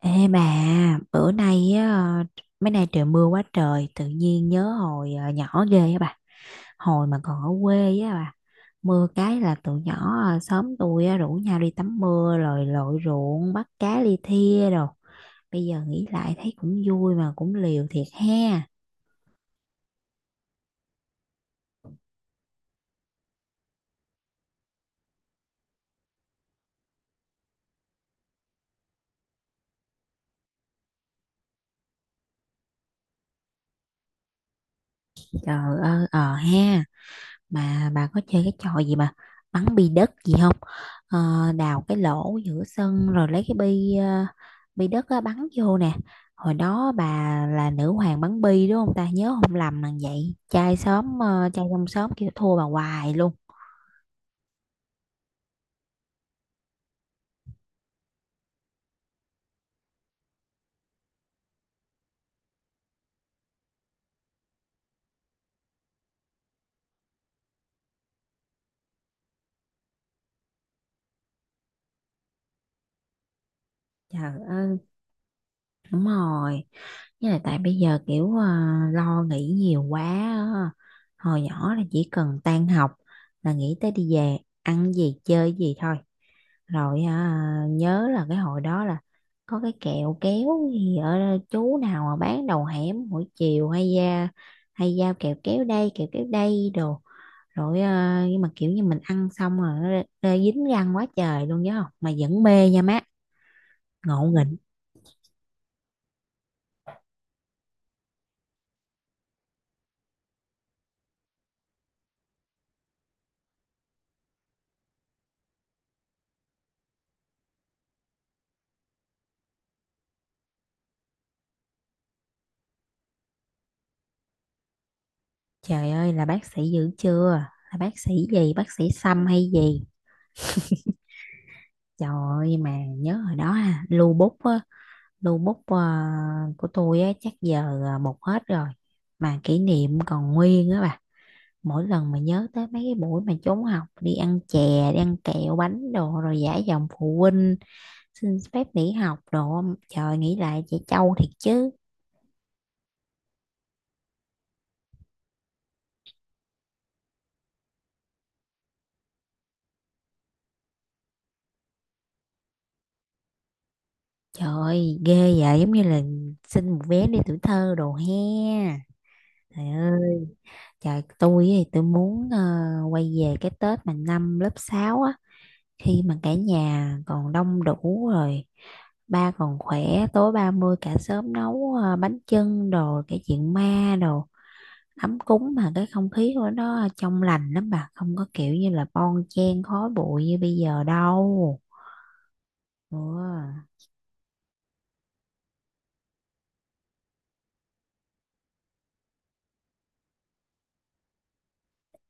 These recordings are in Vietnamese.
Ê bà, bữa nay á, mấy nay trời mưa quá trời, tự nhiên nhớ hồi nhỏ ghê á bà. Hồi mà còn ở quê á bà, mưa cái là tụi nhỏ xóm tôi á, rủ nhau đi tắm mưa rồi lội ruộng bắt cá li thia rồi. Bây giờ nghĩ lại thấy cũng vui mà cũng liều thiệt ha. Trời ơi, ờ ha. Mà bà có chơi cái trò gì mà bắn bi đất gì không? Ờ, đào cái lỗ giữa sân rồi lấy cái bi bi đất á, bắn vô nè. Hồi đó bà là nữ hoàng bắn bi đúng không, ta nhớ không lầm là vậy, trai xóm trai trong xóm kêu thua bà hoài luôn. Trời ơi. Đúng rồi. Với lại tại bây giờ kiểu lo nghĩ nhiều quá á. Hồi nhỏ là chỉ cần tan học là nghĩ tới đi về, ăn gì chơi gì thôi. Rồi à, nhớ là cái hồi đó là có cái kẹo kéo gì ở đó, chú nào mà bán đầu hẻm mỗi chiều hay ra hay giao kẹo kéo đây đồ rồi à, nhưng mà kiểu như mình ăn xong rồi nó rê dính răng quá trời luôn nhớ không, mà vẫn mê nha má, ngộ nghĩnh. Trời ơi là bác sĩ dữ chưa? Là bác sĩ gì? Bác sĩ Sâm hay gì? Trời ơi mà nhớ hồi đó ha, lưu bút á, lưu bút à, của tôi á chắc giờ à, một hết rồi. Mà kỷ niệm còn nguyên á bà. Mỗi lần mà nhớ tới mấy cái buổi mà trốn học đi ăn chè, đi ăn kẹo bánh đồ rồi giả giọng phụ huynh xin phép nghỉ học đồ. Trời nghĩ lại trẻ trâu thiệt chứ. Trời ơi, ghê vậy, giống như là xin một vé đi tuổi thơ đồ he. Trời ơi, trời tôi thì tôi muốn quay về cái Tết mà năm lớp 6 á, khi mà cả nhà còn đông đủ rồi, ba còn khỏe, tối 30 cả xóm nấu bánh chưng đồ, cái chuyện ma đồ, ấm cúng mà cái không khí của nó trong lành lắm bà, không có kiểu như là bon chen khói bụi như bây giờ đâu. Ừ,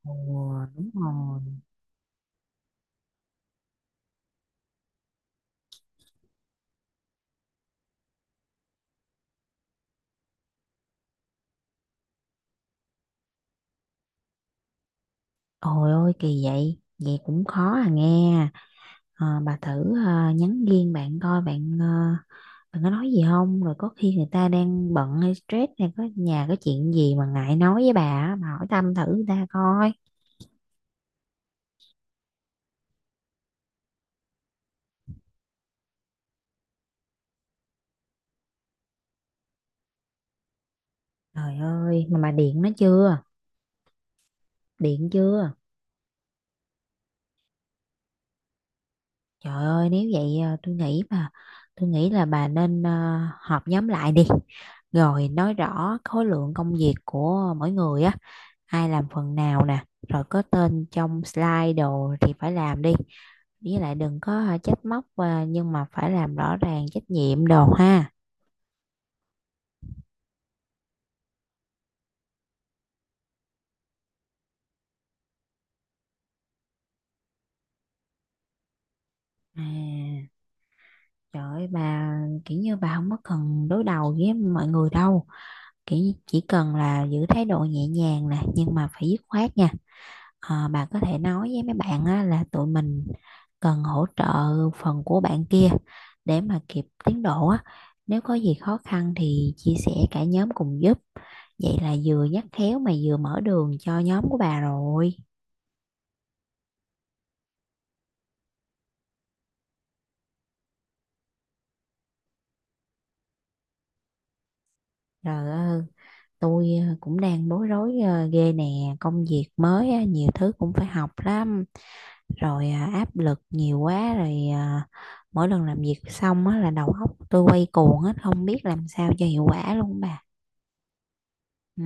ừ, đúng rồi. Ôi ôi kỳ vậy, vậy cũng khó à nghe. Ờ, bà thử nhắn riêng bạn coi bạn bạn có nói gì không, rồi có khi người ta đang bận hay stress hay có nhà có chuyện gì mà ngại nói với bà á, bà hỏi thăm thử người ta coi. Trời ơi mà bà điện nó chưa, điện chưa? Trời ơi nếu vậy tôi nghĩ mà tôi nghĩ là bà nên họp nhóm lại đi, rồi nói rõ khối lượng công việc của mỗi người á, ai làm phần nào nè rồi có tên trong slide đồ thì phải làm đi, với lại đừng có à, trách móc và nhưng mà phải làm rõ ràng trách nhiệm đồ ha. À, trời ơi bà, kiểu như bà không có cần đối đầu với mọi người đâu, kiểu chỉ cần là giữ thái độ nhẹ nhàng nè nhưng mà phải dứt khoát nha. Ờ, bà có thể nói với mấy bạn á, là tụi mình cần hỗ trợ phần của bạn kia để mà kịp tiến độ á, nếu có gì khó khăn thì chia sẻ cả nhóm cùng giúp, vậy là vừa nhắc khéo mà vừa mở đường cho nhóm của bà rồi. Rồi. Tôi cũng đang bối rối ghê nè, công việc mới á, nhiều thứ cũng phải học lắm, rồi áp lực nhiều quá rồi mỗi lần làm việc xong á, là đầu óc tôi quay cuồng hết không biết làm sao cho hiệu quả luôn bà. Ừ.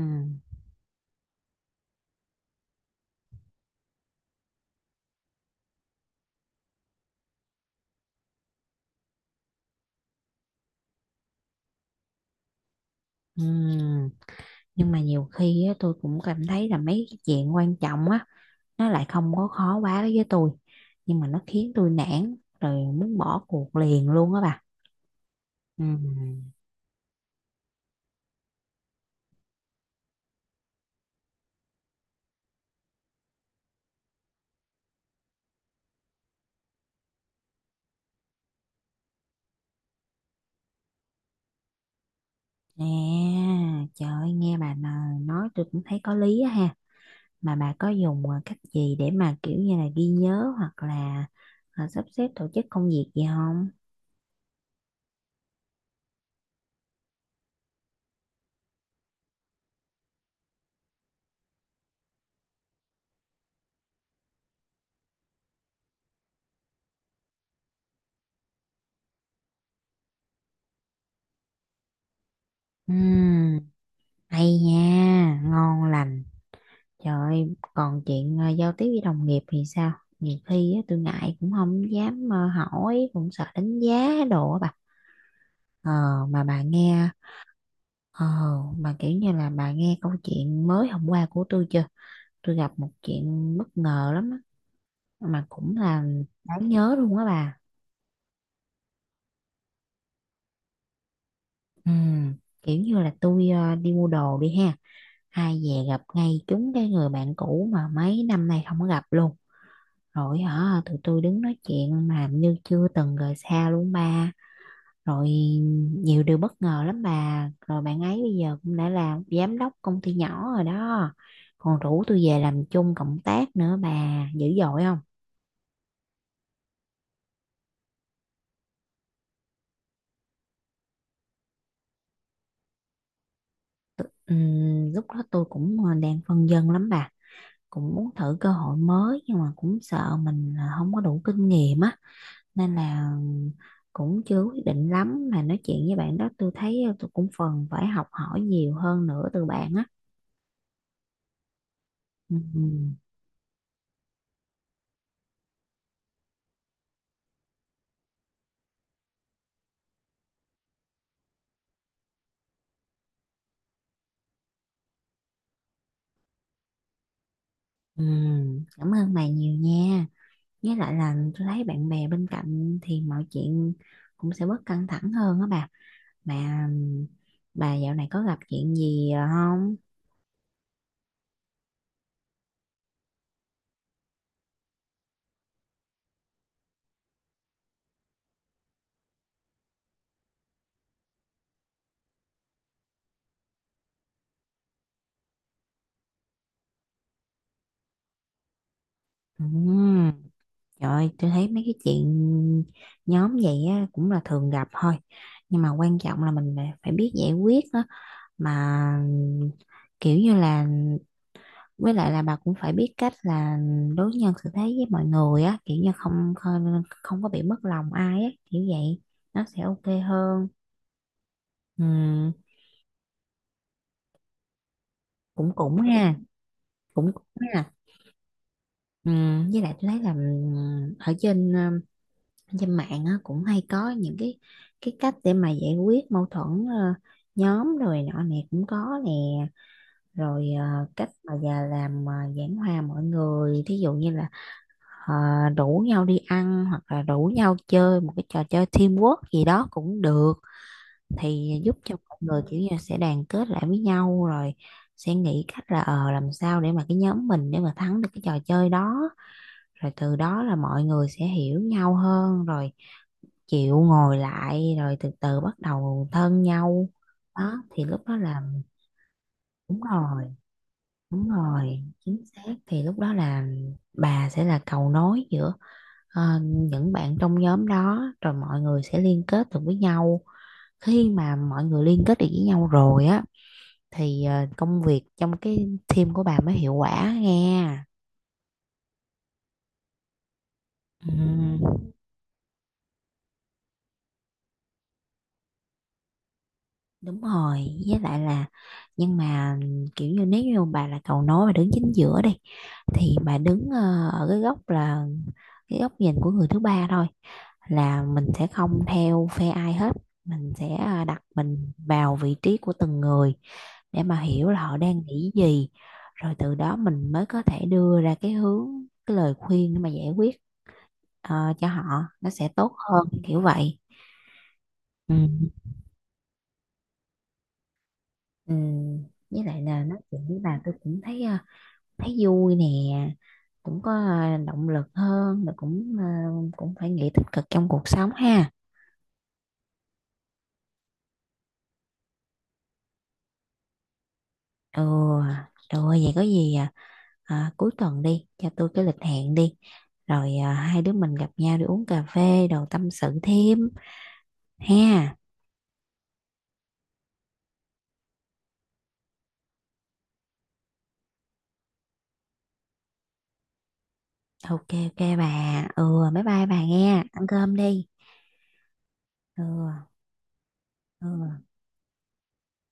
Ừ. Nhưng mà nhiều khi á, tôi cũng cảm thấy là mấy cái chuyện quan trọng á nó lại không có khó quá đối với tôi, nhưng mà nó khiến tôi nản rồi muốn bỏ cuộc liền luôn á bà. Ừ. À, trời ơi, nghe bà nói tôi cũng thấy có lý á ha. Mà bà có dùng à, cách gì để mà kiểu như là ghi nhớ hoặc là à, sắp xếp tổ chức công việc gì không? Ừm, hay nha, ngon lành. Trời ơi, còn chuyện à, giao tiếp với đồng nghiệp thì sao? Nhiều khi á, tôi ngại cũng không dám à, hỏi, cũng sợ đánh giá đồ á bà. Ờ, mà bà nghe, ờ, mà kiểu như là bà nghe câu chuyện mới hôm qua của tôi chưa? Tôi gặp một chuyện bất ngờ lắm á mà cũng là đáng nhớ luôn á bà. Ừ, kiểu như là tôi đi mua đồ đi ha, ai về gặp ngay trúng cái người bạn cũ mà mấy năm nay không có gặp luôn, rồi hả tụi tôi đứng nói chuyện mà như chưa từng rời xa luôn ba. Rồi nhiều điều bất ngờ lắm bà, rồi bạn ấy bây giờ cũng đã làm giám đốc công ty nhỏ rồi đó, còn rủ tôi về làm chung cộng tác nữa, bà dữ dội không? Lúc đó tôi cũng à, đang phân vân lắm bà, cũng muốn thử cơ hội mới nhưng mà cũng sợ mình à, không có đủ kinh nghiệm á nên là cũng chưa quyết định lắm, mà nói chuyện với bạn đó tôi thấy à, tôi cũng phần phải học hỏi nhiều hơn nữa từ bạn á. Ừm, cảm ơn bà nhiều nha, với lại là tôi thấy bạn bè bên cạnh thì mọi chuyện cũng sẽ bớt căng thẳng hơn á bà. Mà bà dạo này có gặp chuyện gì à, không? Ừm. Trời ơi, tôi thấy mấy cái chuyện nhóm vậy á, cũng là thường gặp thôi. Nhưng mà quan trọng là mình phải phải biết giải quyết đó. Mà kiểu như là với lại là bà cũng phải biết cách là đối nhân xử thế với mọi người á, kiểu như không không, không có bị mất lòng ai á, kiểu vậy. Nó sẽ ok hơn. Ừ, cũng cũng ha, cũng cũng ha. Ừ, với lại tôi thấy là ừ, ở trên trên mạng á, cũng hay có những cái cách để mà giải quyết mâu thuẫn nhóm rồi nọ nè cũng có nè, rồi cách mà già làm mà giảng hòa mọi người, thí dụ như là ờ, rủ nhau đi ăn hoặc là rủ nhau chơi một cái trò chơi teamwork gì đó cũng được, thì giúp cho mọi người kiểu như là sẽ đoàn kết lại với nhau rồi sẽ nghĩ cách là ờ làm sao để mà cái nhóm mình để mà thắng được cái trò chơi đó, rồi từ đó là mọi người sẽ hiểu nhau hơn rồi chịu ngồi lại rồi từ từ bắt đầu thân nhau. Đó thì lúc đó là đúng rồi, đúng rồi chính xác, thì lúc đó là bà sẽ là cầu nối giữa những bạn trong nhóm đó rồi mọi người sẽ liên kết được với nhau, khi mà mọi người liên kết được với nhau rồi á thì công việc trong cái team của bà mới hiệu quả nghe. Ừ. Đúng rồi, với lại là nhưng mà kiểu như nếu như bà là cầu nối và đứng chính giữa đi thì bà đứng ở cái góc là cái góc nhìn của người thứ ba thôi, là mình sẽ không theo phe ai hết, mình sẽ đặt mình vào vị trí của từng người để mà hiểu là họ đang nghĩ gì, rồi từ đó mình mới có thể đưa ra cái hướng cái lời khuyên để mà giải quyết cho họ, nó sẽ tốt hơn kiểu vậy. Ừ. Ừ, với lại là nói chuyện với bà tôi cũng thấy thấy vui nè, cũng có động lực hơn rồi cũng cũng phải nghĩ tích cực trong cuộc sống ha. Ừ, rồi vậy có gì à, à, cuối tuần đi cho tôi cái lịch hẹn đi, rồi à, hai đứa mình gặp nhau đi uống cà phê đồ tâm sự thêm ha. Ok ok bà. Ừ bye bye bà nghe, ăn cơm đi. Ừ, ừ.